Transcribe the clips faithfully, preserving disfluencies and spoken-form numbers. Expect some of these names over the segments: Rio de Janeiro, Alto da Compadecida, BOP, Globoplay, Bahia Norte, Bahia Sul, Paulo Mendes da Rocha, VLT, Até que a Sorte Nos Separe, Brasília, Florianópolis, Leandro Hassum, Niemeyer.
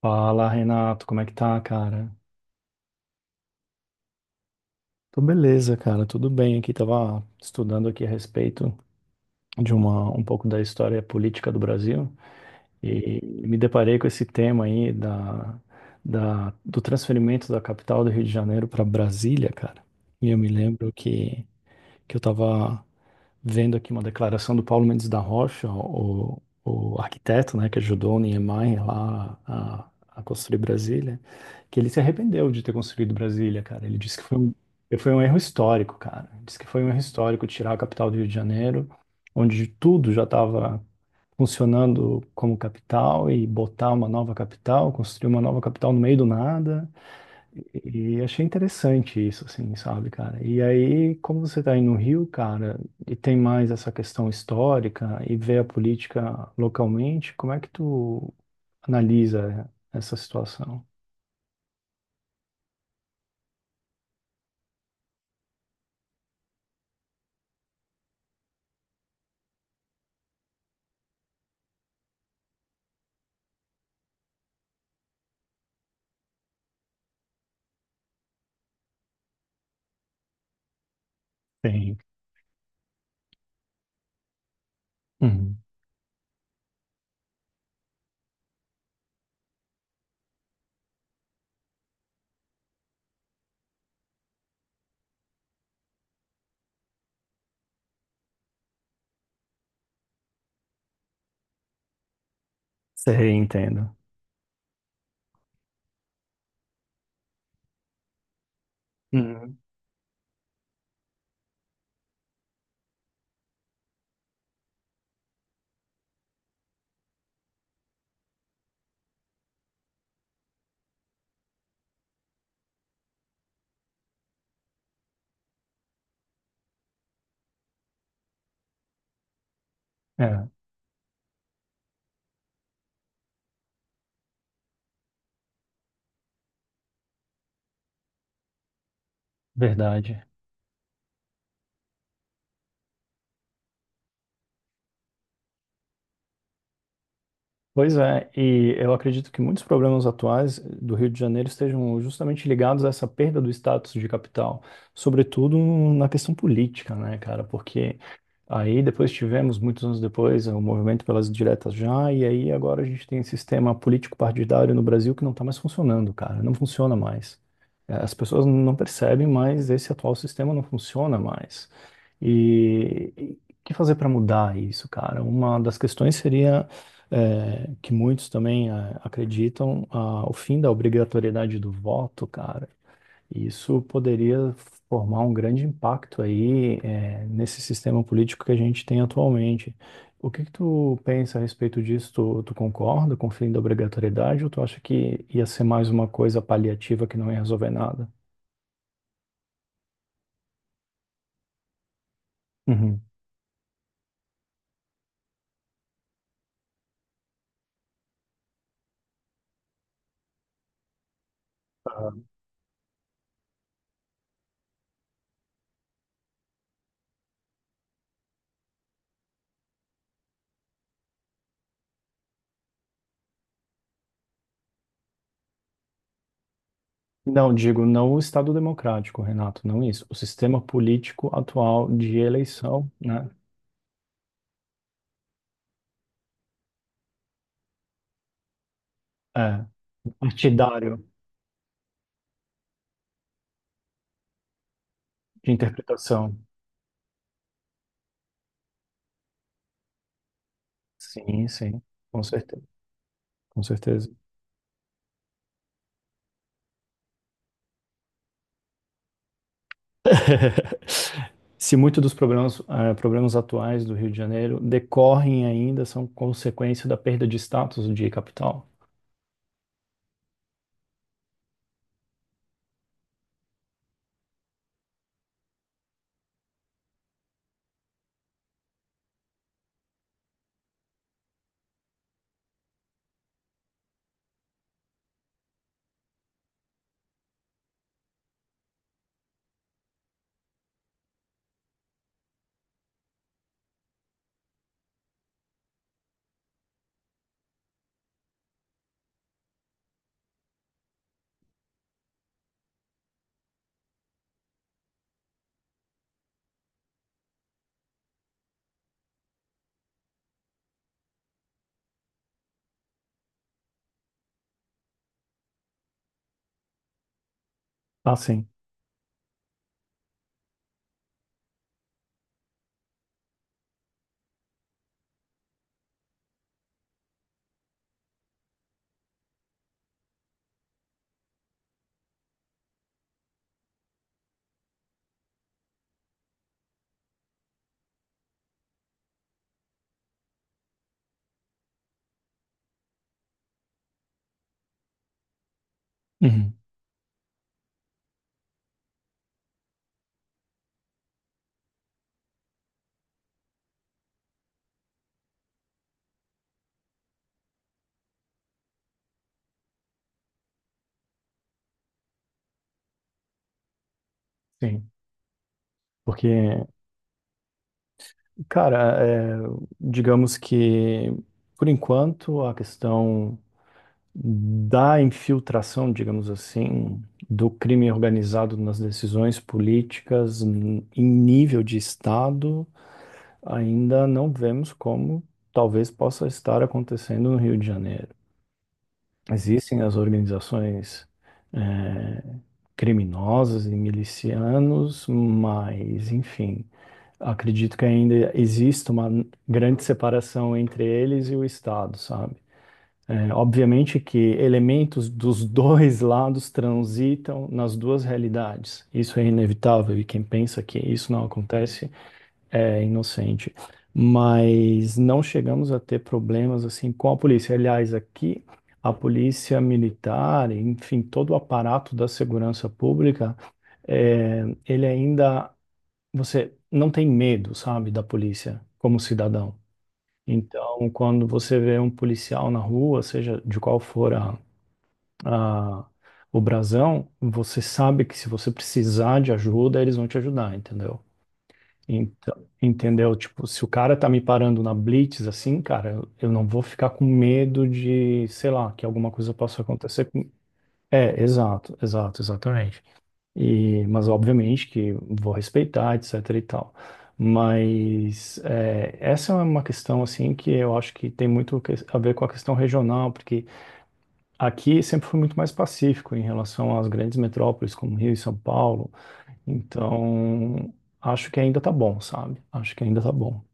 Fala, Renato, como é que tá, cara? Tô beleza, cara, tudo bem aqui. Tava estudando aqui a respeito de uma, um pouco da história política do Brasil e me deparei com esse tema aí da, da, do transferimento da capital do Rio de Janeiro para Brasília, cara. E eu me lembro que, que eu tava vendo aqui uma declaração do Paulo Mendes da Rocha, o, o arquiteto, né, que ajudou o Niemeyer lá a, a construir Brasília, que ele se arrependeu de ter construído Brasília, cara. Ele disse que foi um, foi um erro histórico, cara. Ele disse que foi um erro histórico tirar a capital do Rio de Janeiro, onde tudo já estava funcionando como capital, e botar uma nova capital, construir uma nova capital no meio do nada. E achei interessante isso, assim, sabe, cara? E aí, como você tá aí no Rio, cara, e tem mais essa questão histórica e vê a política localmente, como é que tu analisa essa situação? Sim. Uhum. Sei, entendo. Uhum. É, verdade. Pois é, e eu acredito que muitos problemas atuais do Rio de Janeiro estejam justamente ligados a essa perda do status de capital, sobretudo na questão política, né, cara? Porque aí depois tivemos, muitos anos depois, o movimento pelas diretas já, e aí agora a gente tem um sistema político-partidário no Brasil que não está mais funcionando, cara, não funciona mais. Eh, As pessoas não percebem, mas esse atual sistema não funciona mais. E e o que fazer para mudar isso, cara? Uma das questões seria, eh, que muitos também eh, acreditam, ah, o fim da obrigatoriedade do voto, cara. E isso poderia formar um grande impacto aí, eh, nesse sistema político que a gente tem atualmente. O que que tu pensa a respeito disso? Tu, tu concorda com o fim da obrigatoriedade ou tu acha que ia ser mais uma coisa paliativa que não ia resolver nada? Uhum. Não, digo, não o Estado democrático, Renato, não isso. O sistema político atual de eleição, né? É, partidário de interpretação. Sim, sim, com certeza, com certeza. Se muitos dos problemas, eh, problemas atuais do Rio de Janeiro decorrem ainda, são consequência da perda de status de capital. Ah, sim. Uhum. Sim. Porque, cara, eh, digamos que, por enquanto, a questão da infiltração, digamos assim, do crime organizado nas decisões políticas n- em nível de Estado ainda não vemos como talvez possa estar acontecendo no Rio de Janeiro. Existem as organizações eh, criminosas e milicianos, mas, enfim, acredito que ainda existe uma grande separação entre eles e o Estado, sabe? Eh, obviamente que elementos dos dois lados transitam nas duas realidades. Isso é inevitável, e quem pensa que isso não acontece é inocente. Mas não chegamos a ter problemas assim com a polícia. Aliás, aqui a polícia militar, enfim, todo o aparato da segurança pública, é, ele ainda, você não tem medo, sabe, da polícia como cidadão. Então, quando você vê um policial na rua, seja de qual for a, a- o brasão, você sabe que se você precisar de ajuda, eles vão te ajudar, entendeu? Então, entendeu? Tipo, se o cara tá me parando na blitz assim, cara, eu, eu não vou ficar com medo de, sei lá, que alguma coisa possa acontecer com... É, exato, exato, exatamente. E, mas obviamente que vou respeitar, etc e tal. Mas é, essa é uma questão assim que eu acho que tem muito que- a ver com a questão regional, porque aqui sempre foi muito mais pacífico em relação às grandes metrópoles como Rio e São Paulo. Então, acho que ainda tá bom, sabe? Acho que ainda tá bom.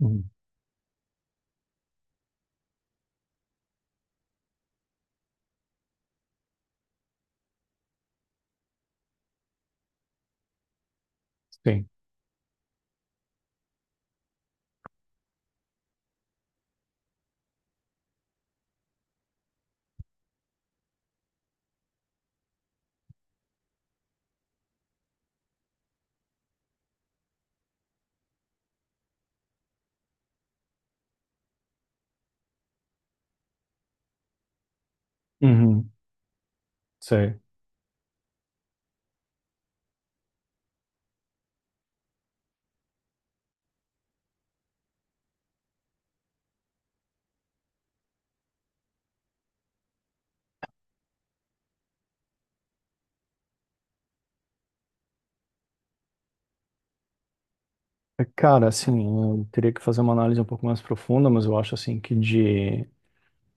Uhum, sim. Uhum, sei. É, cara, assim, eu teria que fazer uma análise um pouco mais profunda, mas eu acho assim que de...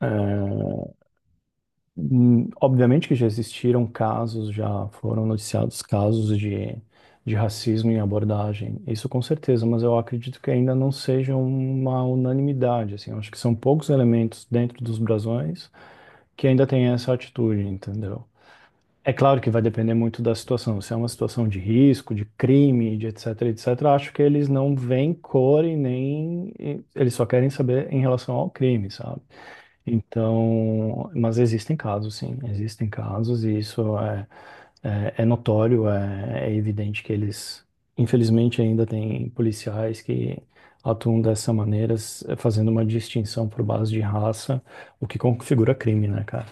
eh, hum, obviamente que já existiram casos, já foram noticiados casos de, de racismo em abordagem. Isso com certeza, mas eu acredito que ainda não seja uma unanimidade, assim. Eu acho que são poucos elementos dentro dos brasões que ainda têm essa atitude, entendeu? É claro que vai depender muito da situação. Se é uma situação de risco, de crime, de etc, etc, acho que eles não veem cor e nem eles só querem saber em relação ao crime, sabe? Então, mas existem casos, sim, existem casos e isso é, é, é notório, é, é evidente que eles, infelizmente, ainda tem policiais que atuam dessa maneira, s- fazendo uma distinção por base de raça, o que configura crime, né, cara?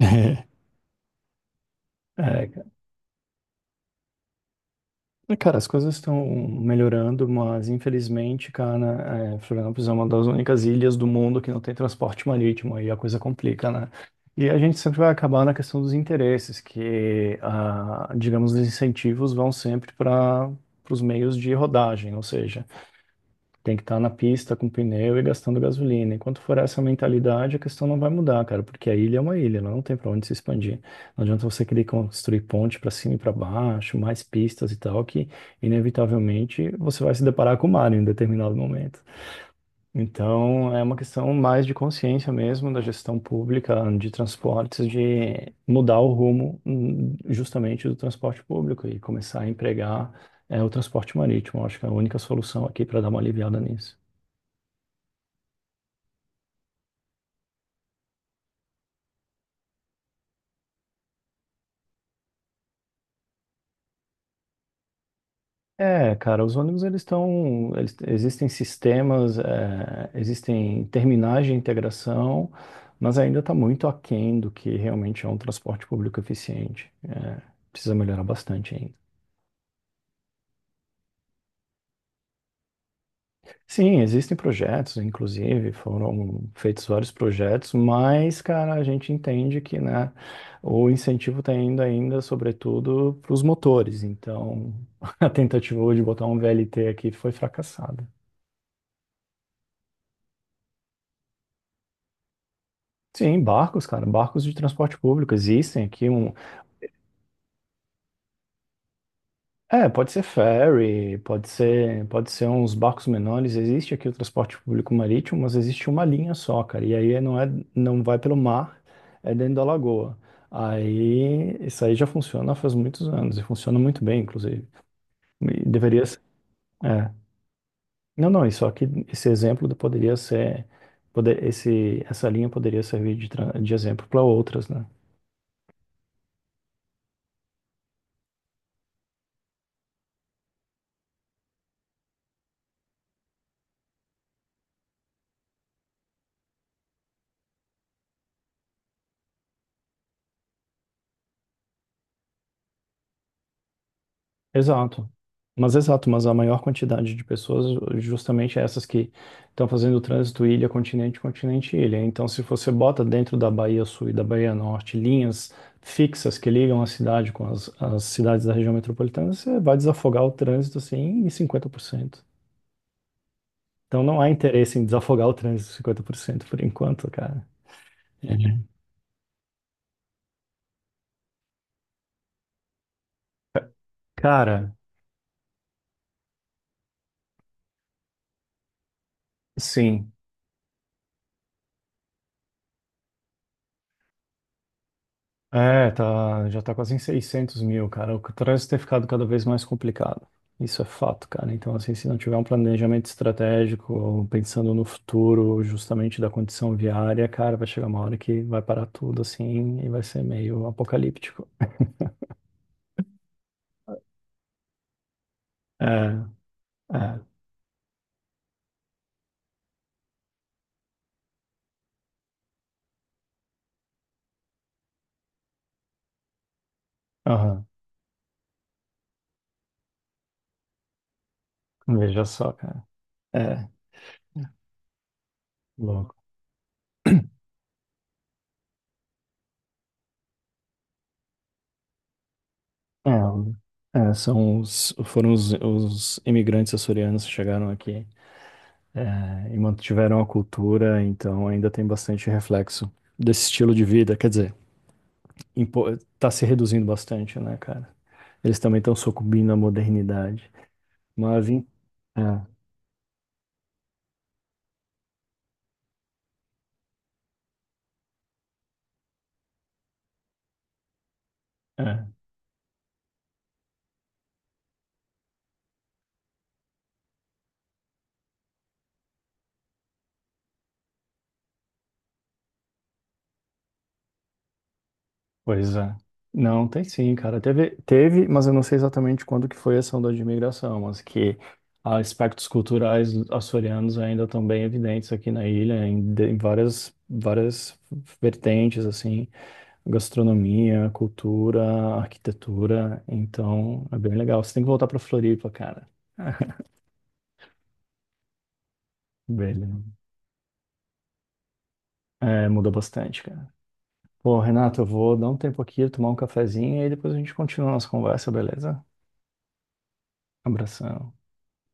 É, É, cara, as coisas estão melhorando, mas infelizmente, cara, é, Florianópolis é uma das únicas ilhas do mundo que não tem transporte marítimo, aí a coisa complica, né? E a gente sempre vai acabar na questão dos interesses, que, ah, digamos, os incentivos vão sempre para os meios de rodagem, ou seja, tem que estar na pista com pneu e gastando gasolina. Enquanto for essa mentalidade, a questão não vai mudar, cara, porque a ilha é uma ilha, ela não tem para onde se expandir. Não adianta você querer construir ponte para cima e para baixo, mais pistas e tal, que inevitavelmente você vai se deparar com o mar em um determinado momento. Então, é uma questão mais de consciência mesmo da gestão pública de transportes, de mudar o rumo, hum, justamente do transporte público, e começar a empregar é, o transporte marítimo. Eu acho que é a única solução aqui para dar uma aliviada nisso. É, cara, os ônibus, eles estão, eles, existem sistemas, é, existem terminais de integração, mas ainda está muito aquém do que realmente é um transporte público eficiente. É, precisa melhorar bastante ainda. Sim, existem projetos, inclusive foram feitos vários projetos, mas, cara, a gente entende que, né, o incentivo está indo ainda, sobretudo, para os motores. Então, a tentativa de botar um V L T aqui foi fracassada. Sim, barcos, cara, barcos de transporte público existem aqui um, é, pode ser ferry, pode ser, pode ser uns barcos menores, existe aqui o transporte público marítimo, mas existe uma linha só, cara, e aí não é, não vai pelo mar, é dentro da lagoa. Aí isso aí já funciona faz muitos anos e funciona muito bem, inclusive. E deveria ser, é. Não, não, isso aqui, esse exemplo poderia ser, poder, esse, essa linha poderia servir de, tra- de exemplo para outras, né? Exato. Mas exato, mas a maior quantidade de pessoas, justamente essas que estão fazendo o trânsito ilha, continente, continente, ilha. Então, se você bota dentro da Bahia Sul e da Bahia Norte linhas fixas que ligam a cidade com as, as cidades da região metropolitana, você vai desafogar o trânsito assim em cinquenta por cento. Então, não há interesse em desafogar o trânsito em cinquenta por cento por enquanto, cara. Uhum. Cara, sim. É, tá, já tá quase em seiscentos mil, cara. O trânsito tem ficado cada vez mais complicado. Isso é fato, cara. Então, assim, se não tiver um planejamento estratégico, pensando no futuro, justamente da condição viária, cara, vai chegar uma hora que vai parar tudo, assim, e vai ser meio apocalíptico. É, é, aham. Veja só, cara. É, louco. É, é, são os, foram os, os imigrantes açorianos que chegaram aqui. É, e mantiveram a cultura, então ainda tem bastante reflexo desse estilo de vida. Quer dizer, impo- tá se reduzindo bastante, né, cara? Eles também estão sucumbindo à modernidade. Mas, em- é, é, pois é. Não, tem sim, cara. Teve, teve, mas eu não sei exatamente quando que foi essa onda de imigração, mas que aspectos culturais açorianos ainda estão bem evidentes aqui na ilha, em, de- em várias, várias vertentes, assim. Gastronomia, cultura, arquitetura. Então, é bem legal. Você tem que voltar pra Floripa, cara. Beleza. É, muda bastante, cara. Pô, Renato, eu vou dar um tempo aqui, tomar um cafezinho e aí depois a gente continua a nossa conversa, beleza? Abração.